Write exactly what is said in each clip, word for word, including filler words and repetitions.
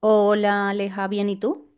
Hola, Aleja, ¿bien y tú?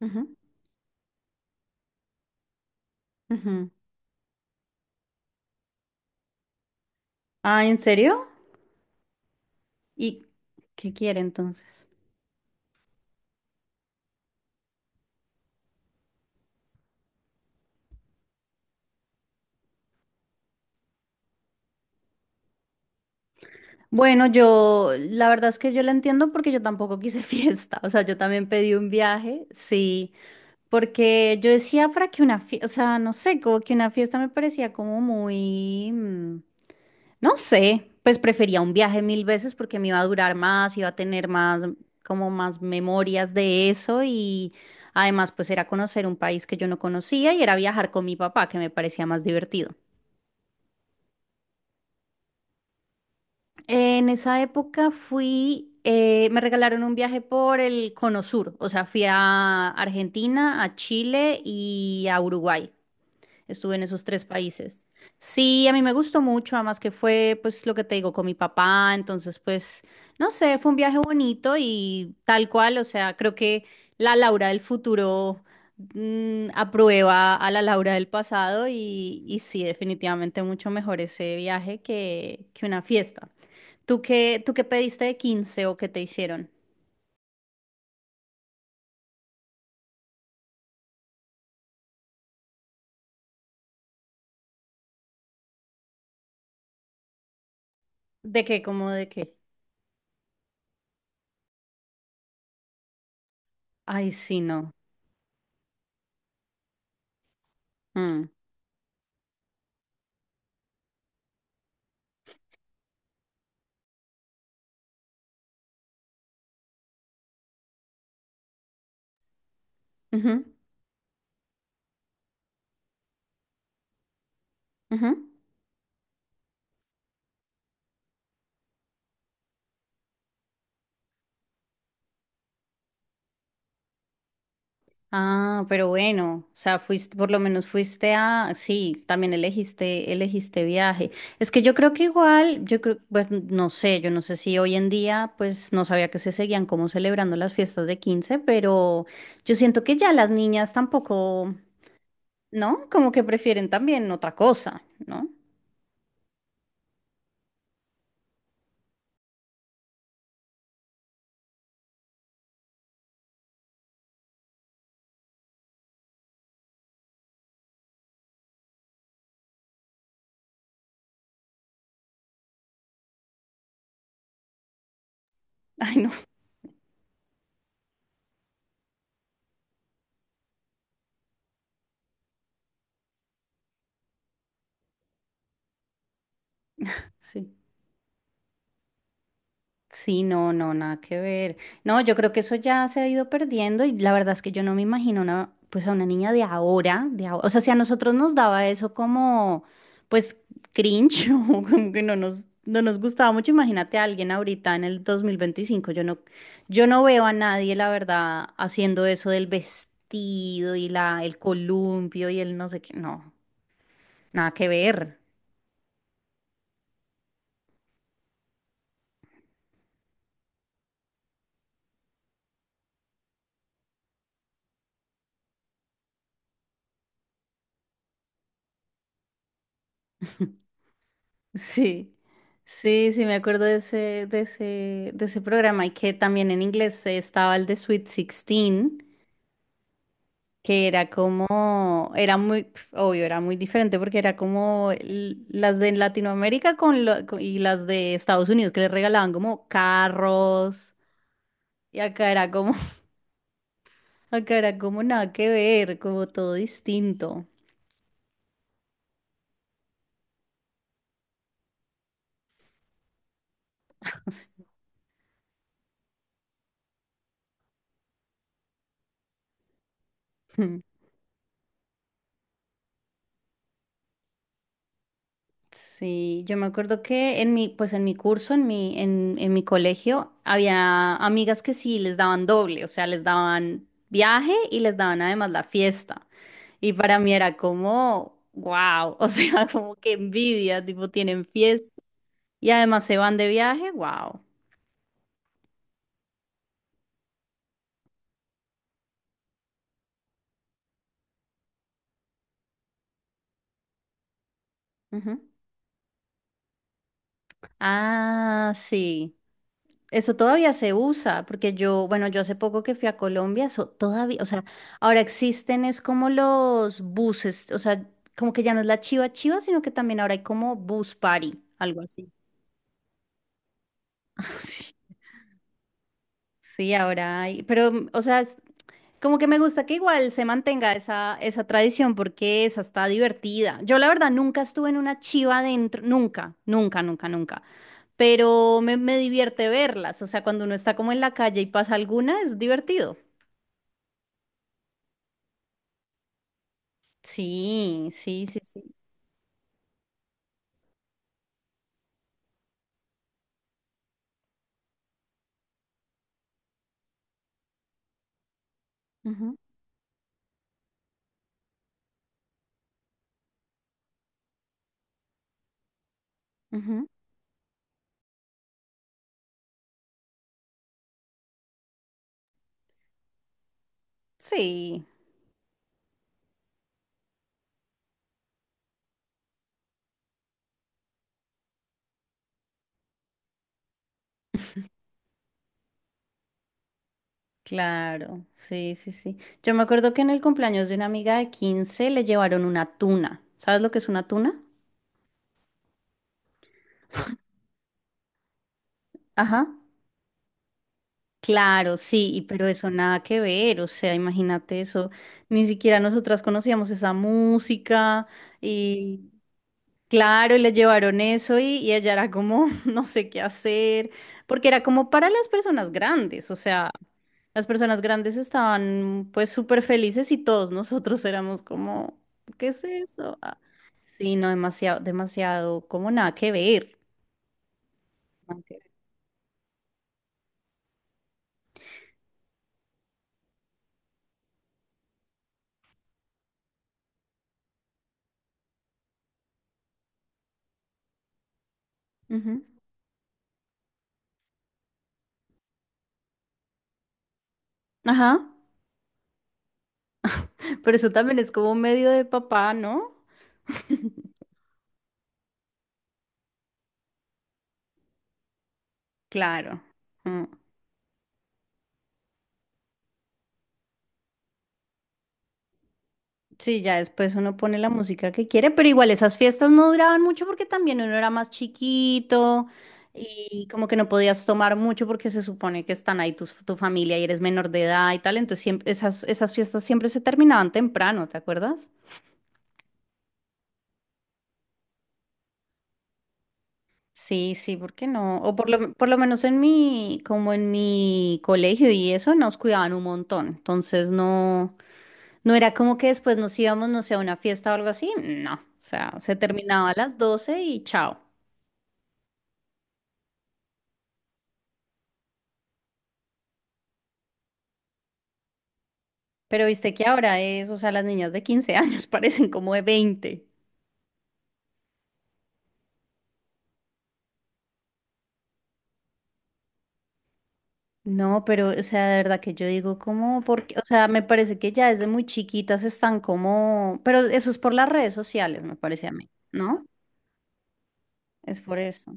Ujú, ujú. Ah, ¿en serio? ¿Y qué quiere entonces? Bueno, yo, la verdad es que yo la entiendo porque yo tampoco quise fiesta, o sea, yo también pedí un viaje, sí. Porque yo decía para que una fiesta, o sea, no sé, como que una fiesta me parecía como muy, mm, no sé, pues prefería un viaje mil veces porque me iba a durar más, iba a tener más, como más memorias de eso. Y además pues era conocer un país que yo no conocía y era viajar con mi papá, que me parecía más divertido. En esa época fui, eh, me regalaron un viaje por el Cono Sur, o sea, fui a Argentina, a Chile y a Uruguay. Estuve en esos tres países. Sí, a mí me gustó mucho, además que fue, pues, lo que te digo, con mi papá, entonces, pues, no sé, fue un viaje bonito y tal cual, o sea, creo que la Laura del futuro mm, aprueba a la Laura del pasado y, y sí, definitivamente mucho mejor ese viaje que, que una fiesta. ¿Tú qué, tú qué pediste de quince o qué te hicieron? ¿De qué? ¿Cómo de qué? Ay, sí, no. Mm. Ujú, ujú. Ah, pero bueno, o sea, fuiste, por lo menos fuiste a, sí, también elegiste, elegiste viaje. Es que yo creo que igual, yo creo, pues no sé, yo no sé si hoy en día, pues no sabía que se seguían como celebrando las fiestas de quince, pero yo siento que ya las niñas tampoco, ¿no? Como que prefieren también otra cosa, ¿no? Ay, no, sí. Sí, no, no, nada que ver. No, yo creo que eso ya se ha ido perdiendo y la verdad es que yo no me imagino una, pues a una niña de ahora, de ahora. O sea, si a nosotros nos daba eso como, pues, cringe o como que no nos, no nos gustaba mucho, imagínate a alguien ahorita en el dos mil veinticinco. Yo no, yo no veo a nadie, la verdad, haciendo eso del vestido y la, el columpio y el no sé qué. No, nada que ver. Sí, sí, sí, me acuerdo de ese, de ese, de ese programa y que también en inglés estaba el de Sweet Sixteen, que era como, era muy, pf, obvio, era muy diferente porque era como l- las de Latinoamérica con lo- co- y las de Estados Unidos que les regalaban como carros. Y acá era como, acá era como nada que ver, como todo distinto. Sí, yo me acuerdo que en mi, pues en mi curso, en mi, en, en mi colegio, había amigas que sí les daban doble, o sea, les daban viaje y les daban además la fiesta. Y para mí era como, wow, o sea, como que envidia, tipo, tienen fiesta y además se van de viaje, wow. Ah, sí. Eso todavía se usa, porque yo, bueno, yo hace poco que fui a Colombia, eso todavía, o sea, ahora existen es como los buses, o sea, como que ya no es la chiva chiva, sino que también ahora hay como bus party, algo así. Sí, sí, ahora hay, pero, mm, o sea, es como que me gusta que igual se mantenga esa, esa tradición, porque esa está divertida. Yo la verdad nunca estuve en una chiva dentro, nunca, nunca, nunca, nunca, pero me, me divierte verlas, o sea, cuando uno está como en la calle y pasa alguna, es divertido. Sí, sí, sí, sí. Ujú, ujú. Sí, claro, sí, sí, sí. Yo me acuerdo que en el cumpleaños de una amiga de quince le llevaron una tuna. ¿Sabes lo que es una tuna? Ajá. Claro, sí, y pero eso nada que ver, o sea, imagínate eso, ni siquiera nosotras conocíamos esa música y. Claro, y le llevaron eso y, y ella era como, no sé qué hacer, porque era como para las personas grandes, o sea, las personas grandes estaban pues súper felices y todos nosotros éramos como, ¿qué es eso? Ah, sí, no, demasiado, demasiado, como nada que ver. Nada que ver. Ujú. Ajá, pero eso también es como medio de papá, ¿no? Claro. Mm. Sí, ya después uno pone la música que quiere, pero igual esas fiestas no duraban mucho porque también uno era más chiquito y como que no podías tomar mucho porque se supone que están ahí tus, tu familia y eres menor de edad y tal, entonces siempre, esas, esas fiestas siempre se terminaban temprano, ¿te acuerdas? Sí, sí, ¿por qué no? O por lo, por lo menos en mi, como en mi colegio y eso, nos cuidaban un montón. Entonces no, no era como que después nos íbamos, no sé, a una fiesta o algo así. No, o sea, se terminaba a las doce y chao. Pero viste que ahora es, o sea, las niñas de quince años parecen como de veinte. No, pero, o sea, de verdad que yo digo, ¿cómo? Porque, o sea, me parece que ya desde muy chiquitas están como, pero eso es por las redes sociales, me parece a mí, ¿no? Es por eso.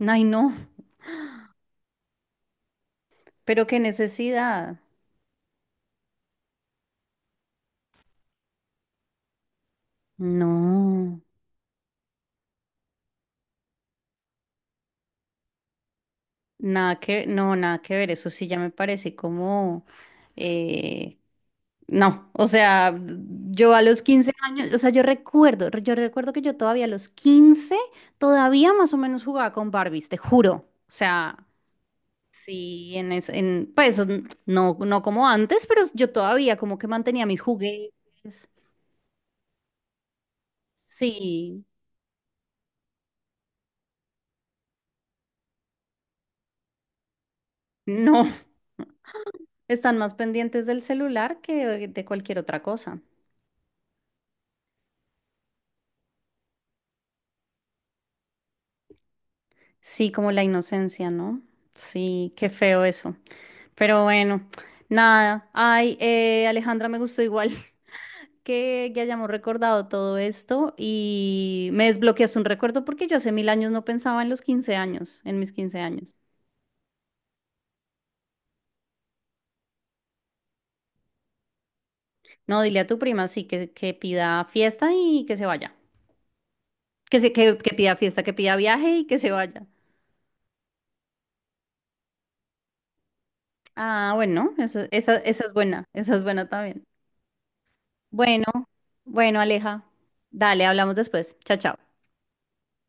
Ay, no, pero qué necesidad. No, nada que, no, nada que ver. Eso sí ya me parece como, eh, no, o sea, yo a los quince años, o sea, yo recuerdo, yo recuerdo que yo todavía a los quince todavía más o menos jugaba con Barbies, te juro. O sea, sí, en, es- en pues n- no, no como antes, pero yo todavía como que mantenía mis juguetes. Sí, no, están más pendientes del celular que de cualquier otra cosa. Sí, como la inocencia, ¿no? Sí, qué feo eso. Pero bueno, nada. Ay, eh, Alejandra, me gustó igual que, que hayamos recordado todo esto y me desbloqueas un recuerdo porque yo hace mil años no pensaba en los quince años, en mis quince años. No, dile a tu prima, sí, que, que pida fiesta y que se vaya. Que, se, que, que pida fiesta, que pida viaje y que se vaya. Ah, bueno, esa, esa, esa es buena, esa es buena también. Bueno, bueno, Aleja, dale, hablamos después. Chao, chao.